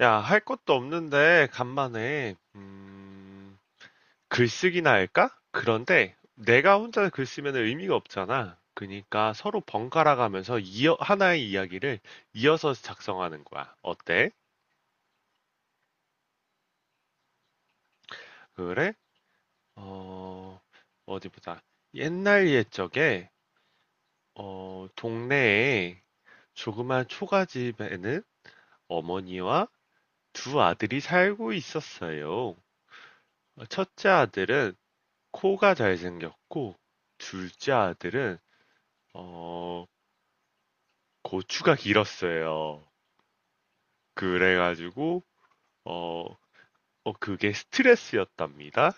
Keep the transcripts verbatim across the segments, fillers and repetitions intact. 야, 할 것도 없는데 간만에 음, 글쓰기나 할까? 그런데 내가 혼자 글 쓰면 의미가 없잖아. 그러니까 서로 번갈아 가면서 이어, 하나의 이야기를 이어서 작성하는 거야. 어때? 그래? 어, 어디 보자. 옛날 옛적에 어, 동네에 조그만 초가집에는 어머니와 두 아들이 살고 있었어요. 첫째 아들은 코가 잘생겼고 둘째 아들은 어 고추가 길었어요. 그래가지고 어, 어, 그게 스트레스였답니다.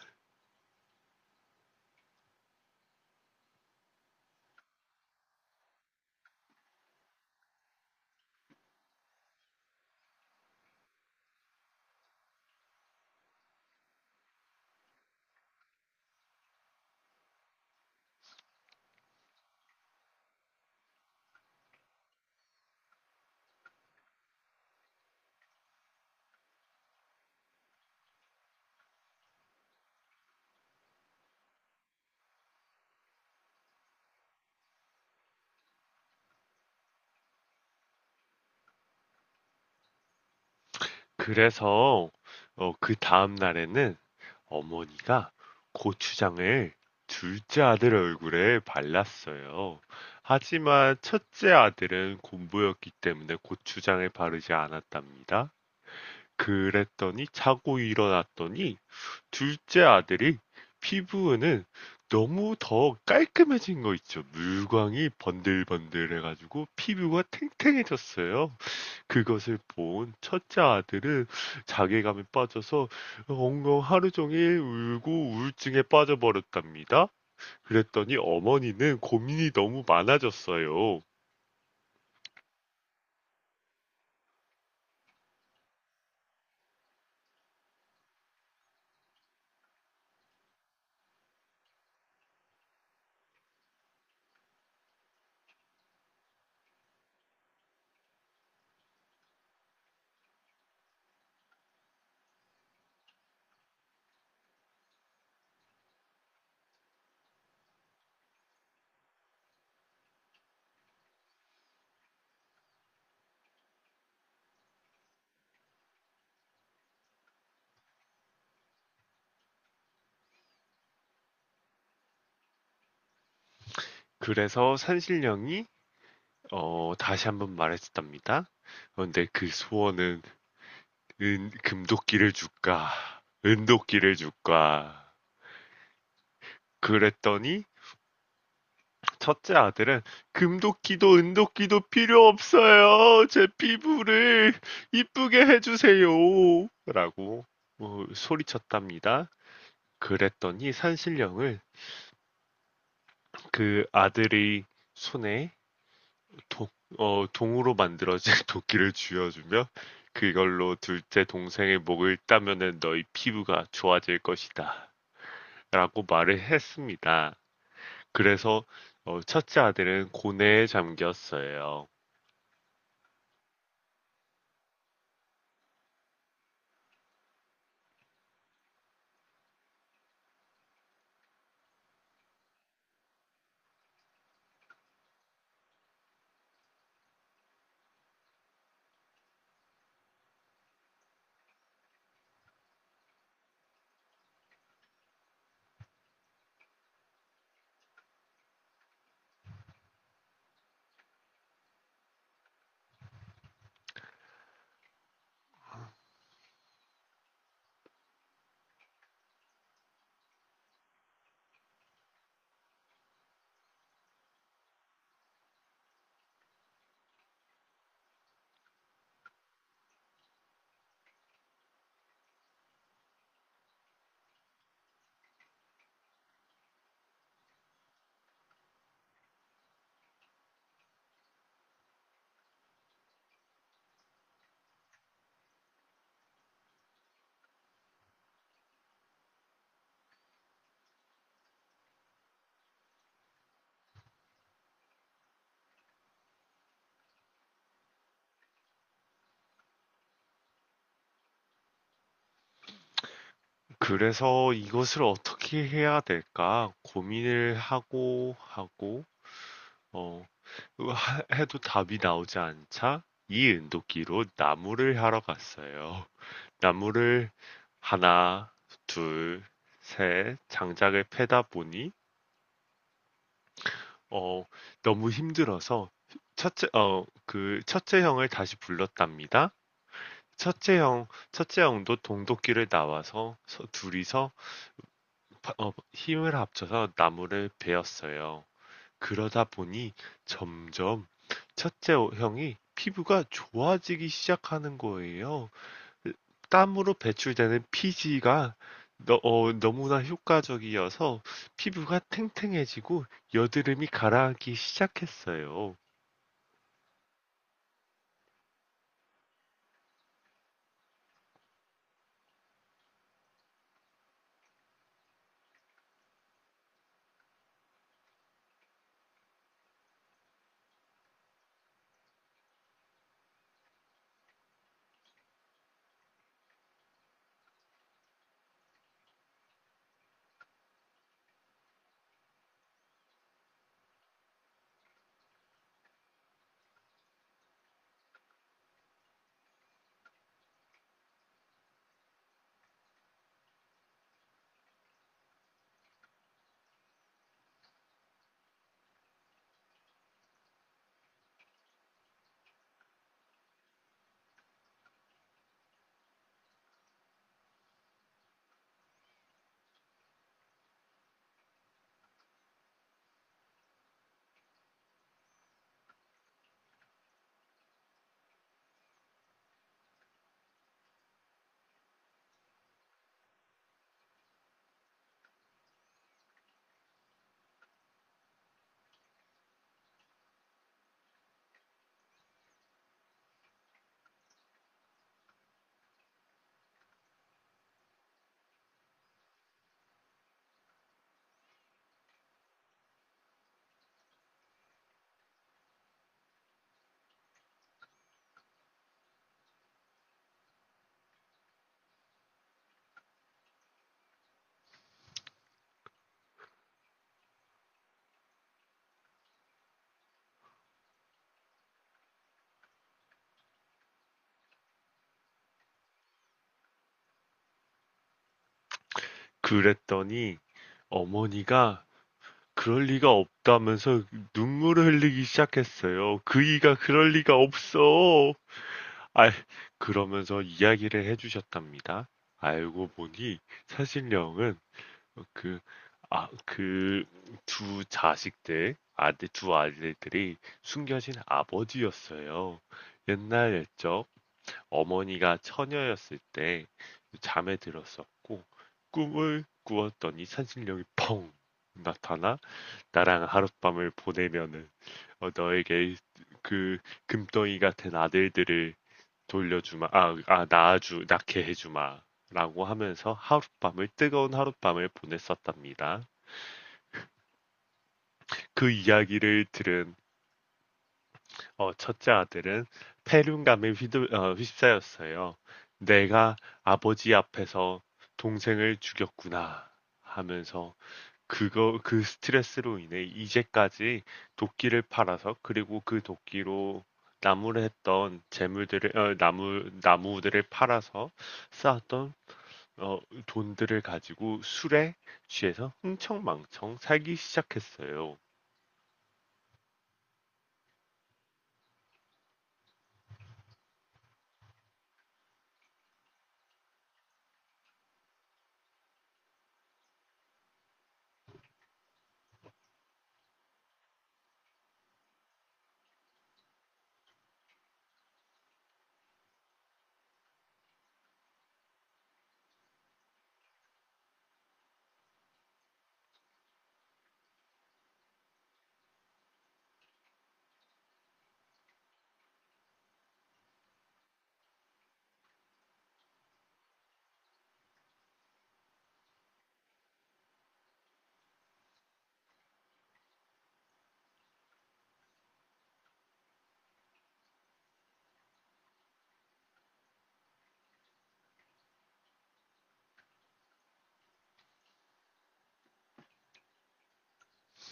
그래서 어, 그 다음 날에는 어머니가 고추장을 둘째 아들 얼굴에 발랐어요. 하지만 첫째 아들은 곤보였기 때문에 고추장을 바르지 않았답니다. 그랬더니 자고 일어났더니 둘째 아들이 피부는 너무 더 깔끔해진 거 있죠. 물광이 번들번들해가지고 피부가 탱탱해졌어요. 그것을 본 첫째 아들은 자괴감에 빠져서 엉엉 하루 종일 울고 우울증에 빠져버렸답니다. 그랬더니 어머니는 고민이 너무 많아졌어요. 그래서 산신령이 어, 다시 한번 말했답니다. 그런데 그 소원은 은, 금도끼를 줄까? 은도끼를 줄까? 그랬더니 첫째 아들은 금도끼도 은도끼도 필요 없어요. 제 피부를 이쁘게 해주세요. 라고 뭐 소리쳤답니다. 그랬더니 산신령을 그 아들의 손에 도, 어, 동으로 만들어진 도끼를 쥐어주며 그걸로 둘째 동생의 목을 따면은 너희 피부가 좋아질 것이다. 라고 말을 했습니다. 그래서 어, 첫째 아들은 고뇌에 잠겼어요. 그래서 이것을 어떻게 해야 될까 고민을 하고 하고 어, 해도 답이 나오지 않자 이 은도끼로 나무를 하러 갔어요. 나무를 하나, 둘, 셋 장작을 패다 보니 어, 너무 힘들어서 첫째 어, 그 첫째 형을 다시 불렀답니다. 첫째 형, 첫째 형도 동독길을 나와서 서- 둘이서 바- 어, 힘을 합쳐서 나무를 베었어요. 그러다 보니 점점 첫째 형이 피부가 좋아지기 시작하는 거예요. 땀으로 배출되는 피지가 너, 어, 너무나 효과적이어서 피부가 탱탱해지고 여드름이 가라앉기 시작했어요. 그랬더니 어머니가 그럴 리가 없다면서 눈물을 흘리기 시작했어요. 그이가 그럴 리가 없어. 아, 그러면서 이야기를 해주셨답니다. 알고 보니 사신령은 그, 아, 그 두 자식들, 아들, 두 아들들이 숨겨진 아버지였어요. 옛날 옛적 어머니가 처녀였을 때 잠에 들었었고 꿈을 꾸었더니 산신령이 펑 나타나 나랑 하룻밤을 보내면은 어, 너에게 그 금덩이 같은 아들들을 돌려주마, 아, 아, 낳아주, 낳게 해주마. 라고 하면서 하룻밤을, 뜨거운 하룻밤을 보냈었답니다. 그 이야기를 들은 어, 첫째 아들은 패륜감에 휘둘, 어, 휩싸였어요. 내가 아버지 앞에서 동생을 죽였구나 하면서 그거 그 스트레스로 인해 이제까지 도끼를 팔아서 그리고 그 도끼로 나무를 했던 재물들을 어, 나무 나무들을 팔아서 쌓았던 어, 돈들을 가지고 술에 취해서 흥청망청 살기 시작했어요.